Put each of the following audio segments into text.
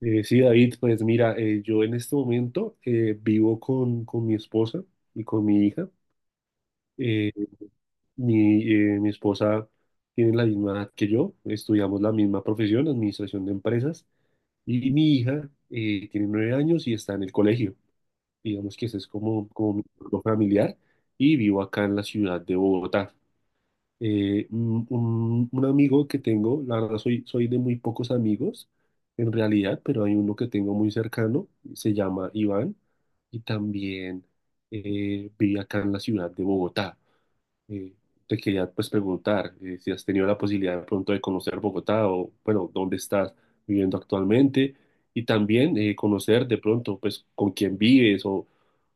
Sí, David, pues mira, yo en este momento vivo con mi esposa y con mi hija. Eh, mi, Mi esposa tiene la misma edad que yo, estudiamos la misma profesión, administración de empresas, y mi hija tiene 9 años y está en el colegio. Digamos que ese es como mi grupo familiar y vivo acá en la ciudad de Bogotá. Un amigo que tengo, la verdad soy de muy pocos amigos en realidad, pero hay uno que tengo muy cercano, se llama Iván y también vive acá en la ciudad de Bogotá. Eh, Te quería pues preguntar si has tenido la posibilidad de pronto de conocer Bogotá o bueno, dónde estás viviendo actualmente y también conocer de pronto pues con quién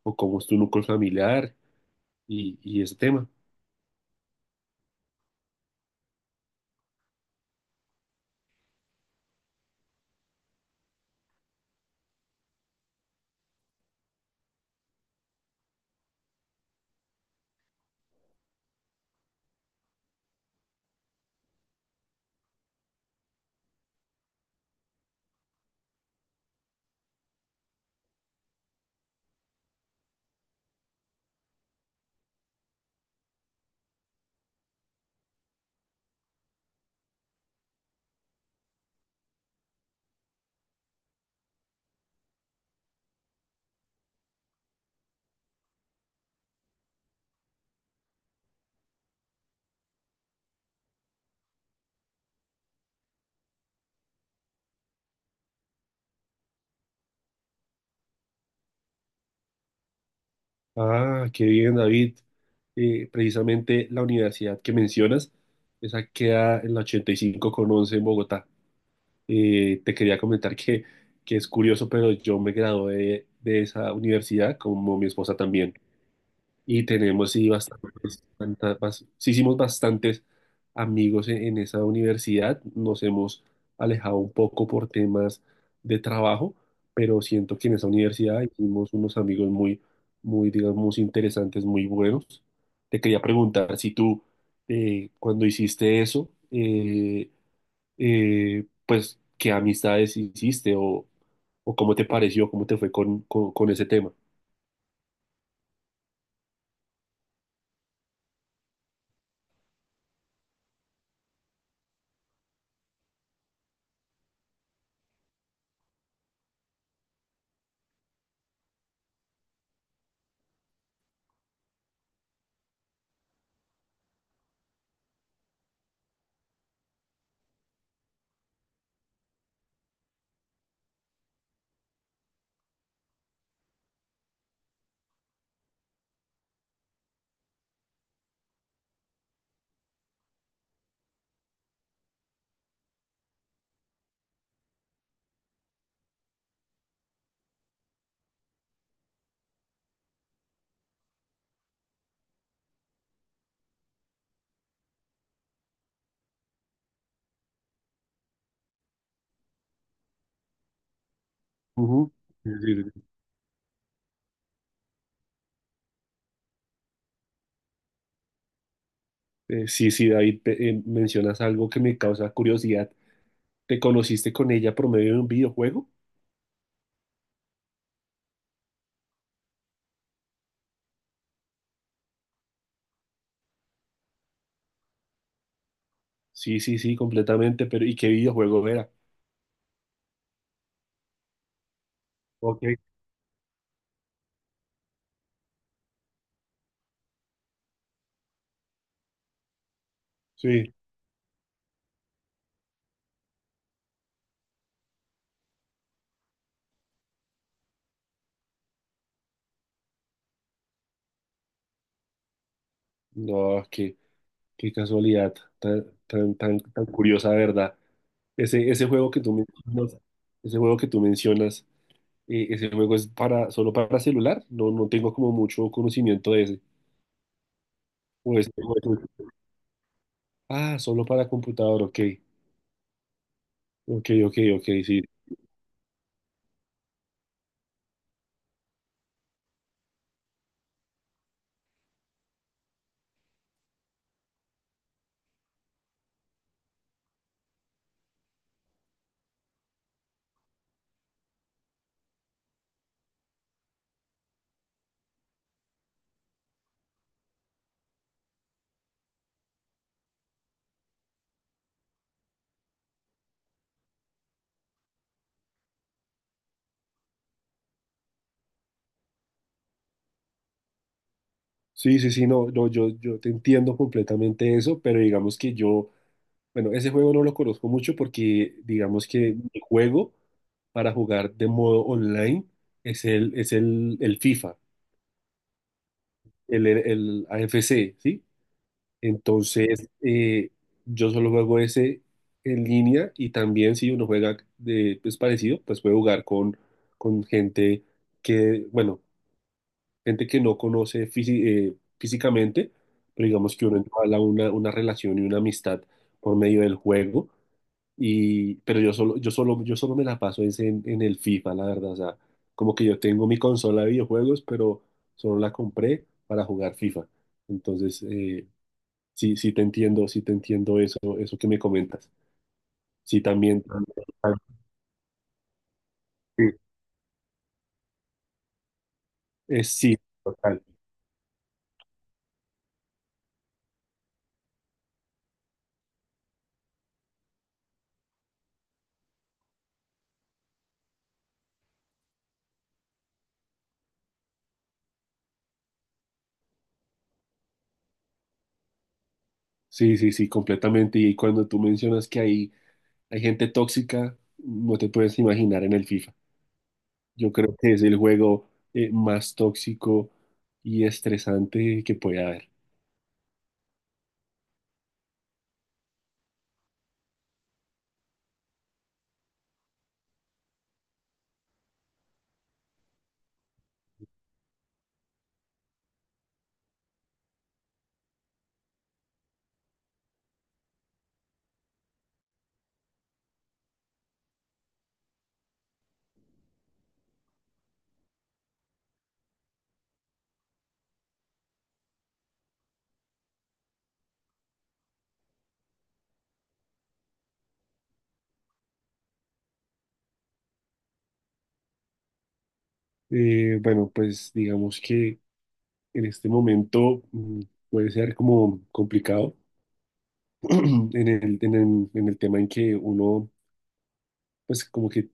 o cómo es tu núcleo familiar y ese tema. Ah, qué bien, David. Precisamente la universidad que mencionas, esa queda en la 85 con 11 en Bogotá. Te quería comentar que es curioso, pero yo me gradué de esa universidad, como mi esposa también, y tenemos sí, sí hicimos bastantes amigos en esa universidad, nos hemos alejado un poco por temas de trabajo, pero siento que en esa universidad hicimos unos amigos muy, digamos, interesantes, muy buenos. Te quería preguntar si tú cuando hiciste eso, ¿qué amistades hiciste, o cómo te pareció, cómo te fue con ese tema? Ujú. Sí, David, mencionas algo que me causa curiosidad. ¿Te conociste con ella por medio de un videojuego? Sí, sí, sí, completamente, pero ¿y qué videojuego era? Ok. Sí. No, qué, qué casualidad, tan, tan, tan, tan curiosa, ¿verdad? Ese juego que tú mencionas, ese juego que tú mencionas, ese juego es para, solo para celular, no, no tengo como mucho conocimiento de ese. O ese- o ese- Ah, solo para computador, ok. Ok, ok, ok, sí. Sí, sí, sí, no, no, yo te entiendo completamente eso, pero digamos que yo, bueno, ese juego no lo conozco mucho porque digamos que mi juego para jugar de modo online el FIFA, el AFC, ¿sí? Entonces, yo solo juego ese en línea y también si uno juega de, pues, parecido, pues puede jugar con gente que, bueno, gente que no conoce físicamente, pero digamos que uno entabla una relación y una amistad por medio del juego. Y pero yo solo me la paso es en el FIFA, la verdad. O sea, como que yo tengo mi consola de videojuegos, pero solo la compré para jugar FIFA. Entonces, sí, sí te entiendo eso, eso que me comentas. Sí, también. Sí, es sí, total. Sí, sí, sí, completamente. Y cuando tú mencionas que hay gente tóxica, no te puedes imaginar en el FIFA. Yo creo que es el juego más tóxico y estresante que puede haber. Bueno, pues digamos que en este momento puede ser como complicado en el tema en que uno, pues como que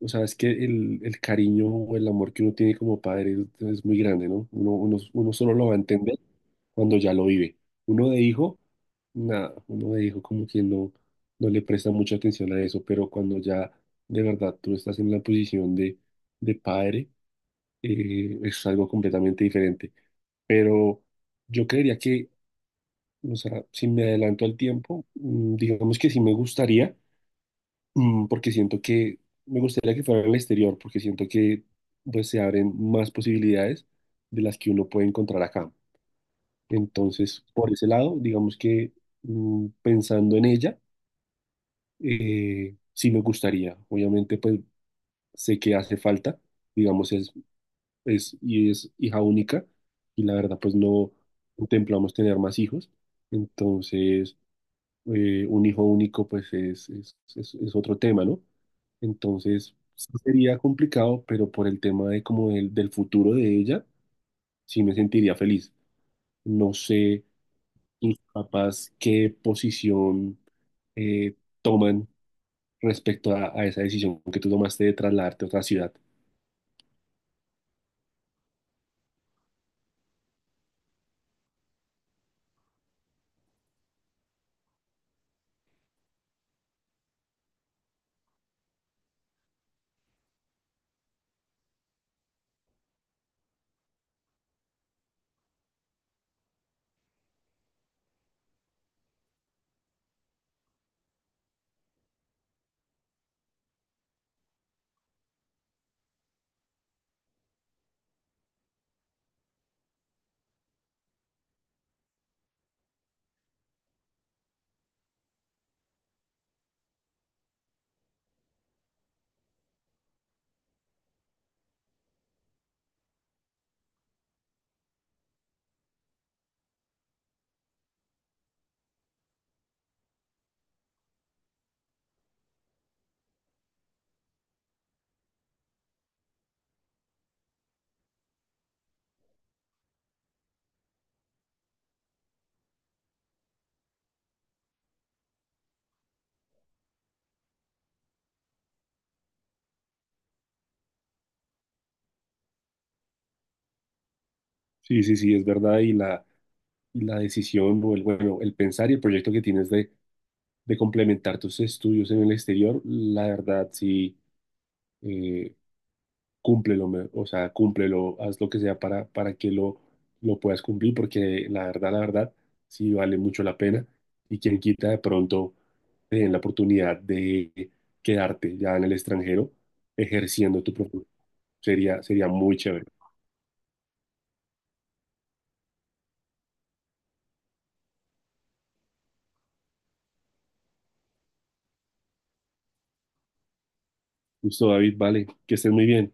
o sea, es que el cariño o el amor que uno tiene como padre es muy grande, ¿no? Uno solo lo va a entender cuando ya lo vive. Uno de hijo, nada, uno de hijo como que no le presta mucha atención a eso, pero cuando ya de verdad tú estás en la posición de padre, es algo completamente diferente. Pero yo creería que, o sea, si me adelanto al tiempo, digamos que sí me gustaría. Porque siento que me gustaría que fuera en el exterior, porque siento que pues se abren más posibilidades de las que uno puede encontrar acá. Entonces, por ese lado, digamos que pensando en ella, sí me gustaría. Obviamente, pues sé que hace falta, digamos, y es hija única, y la verdad, pues no contemplamos tener más hijos. Entonces, un hijo único, pues es otro tema, ¿no? Entonces, sí sería complicado, pero por el tema de como del futuro de ella, sí me sentiría feliz. No sé tus papás qué posición eh, toman respecto a esa decisión que tú tomaste de trasladarte a otra ciudad. Sí, sí, sí, es verdad. Y la decisión, o el, bueno, el pensar y el proyecto que tienes de complementar tus estudios en el exterior, la verdad, sí eh, cúmplelo, o sea, cúmplelo, haz lo que sea para que lo puedas cumplir, porque la verdad, sí vale mucho la pena. Y quien quita de pronto te den la oportunidad de quedarte ya en el extranjero ejerciendo tu profesión. Sería muy chévere. Listo, David, vale, que estés muy bien.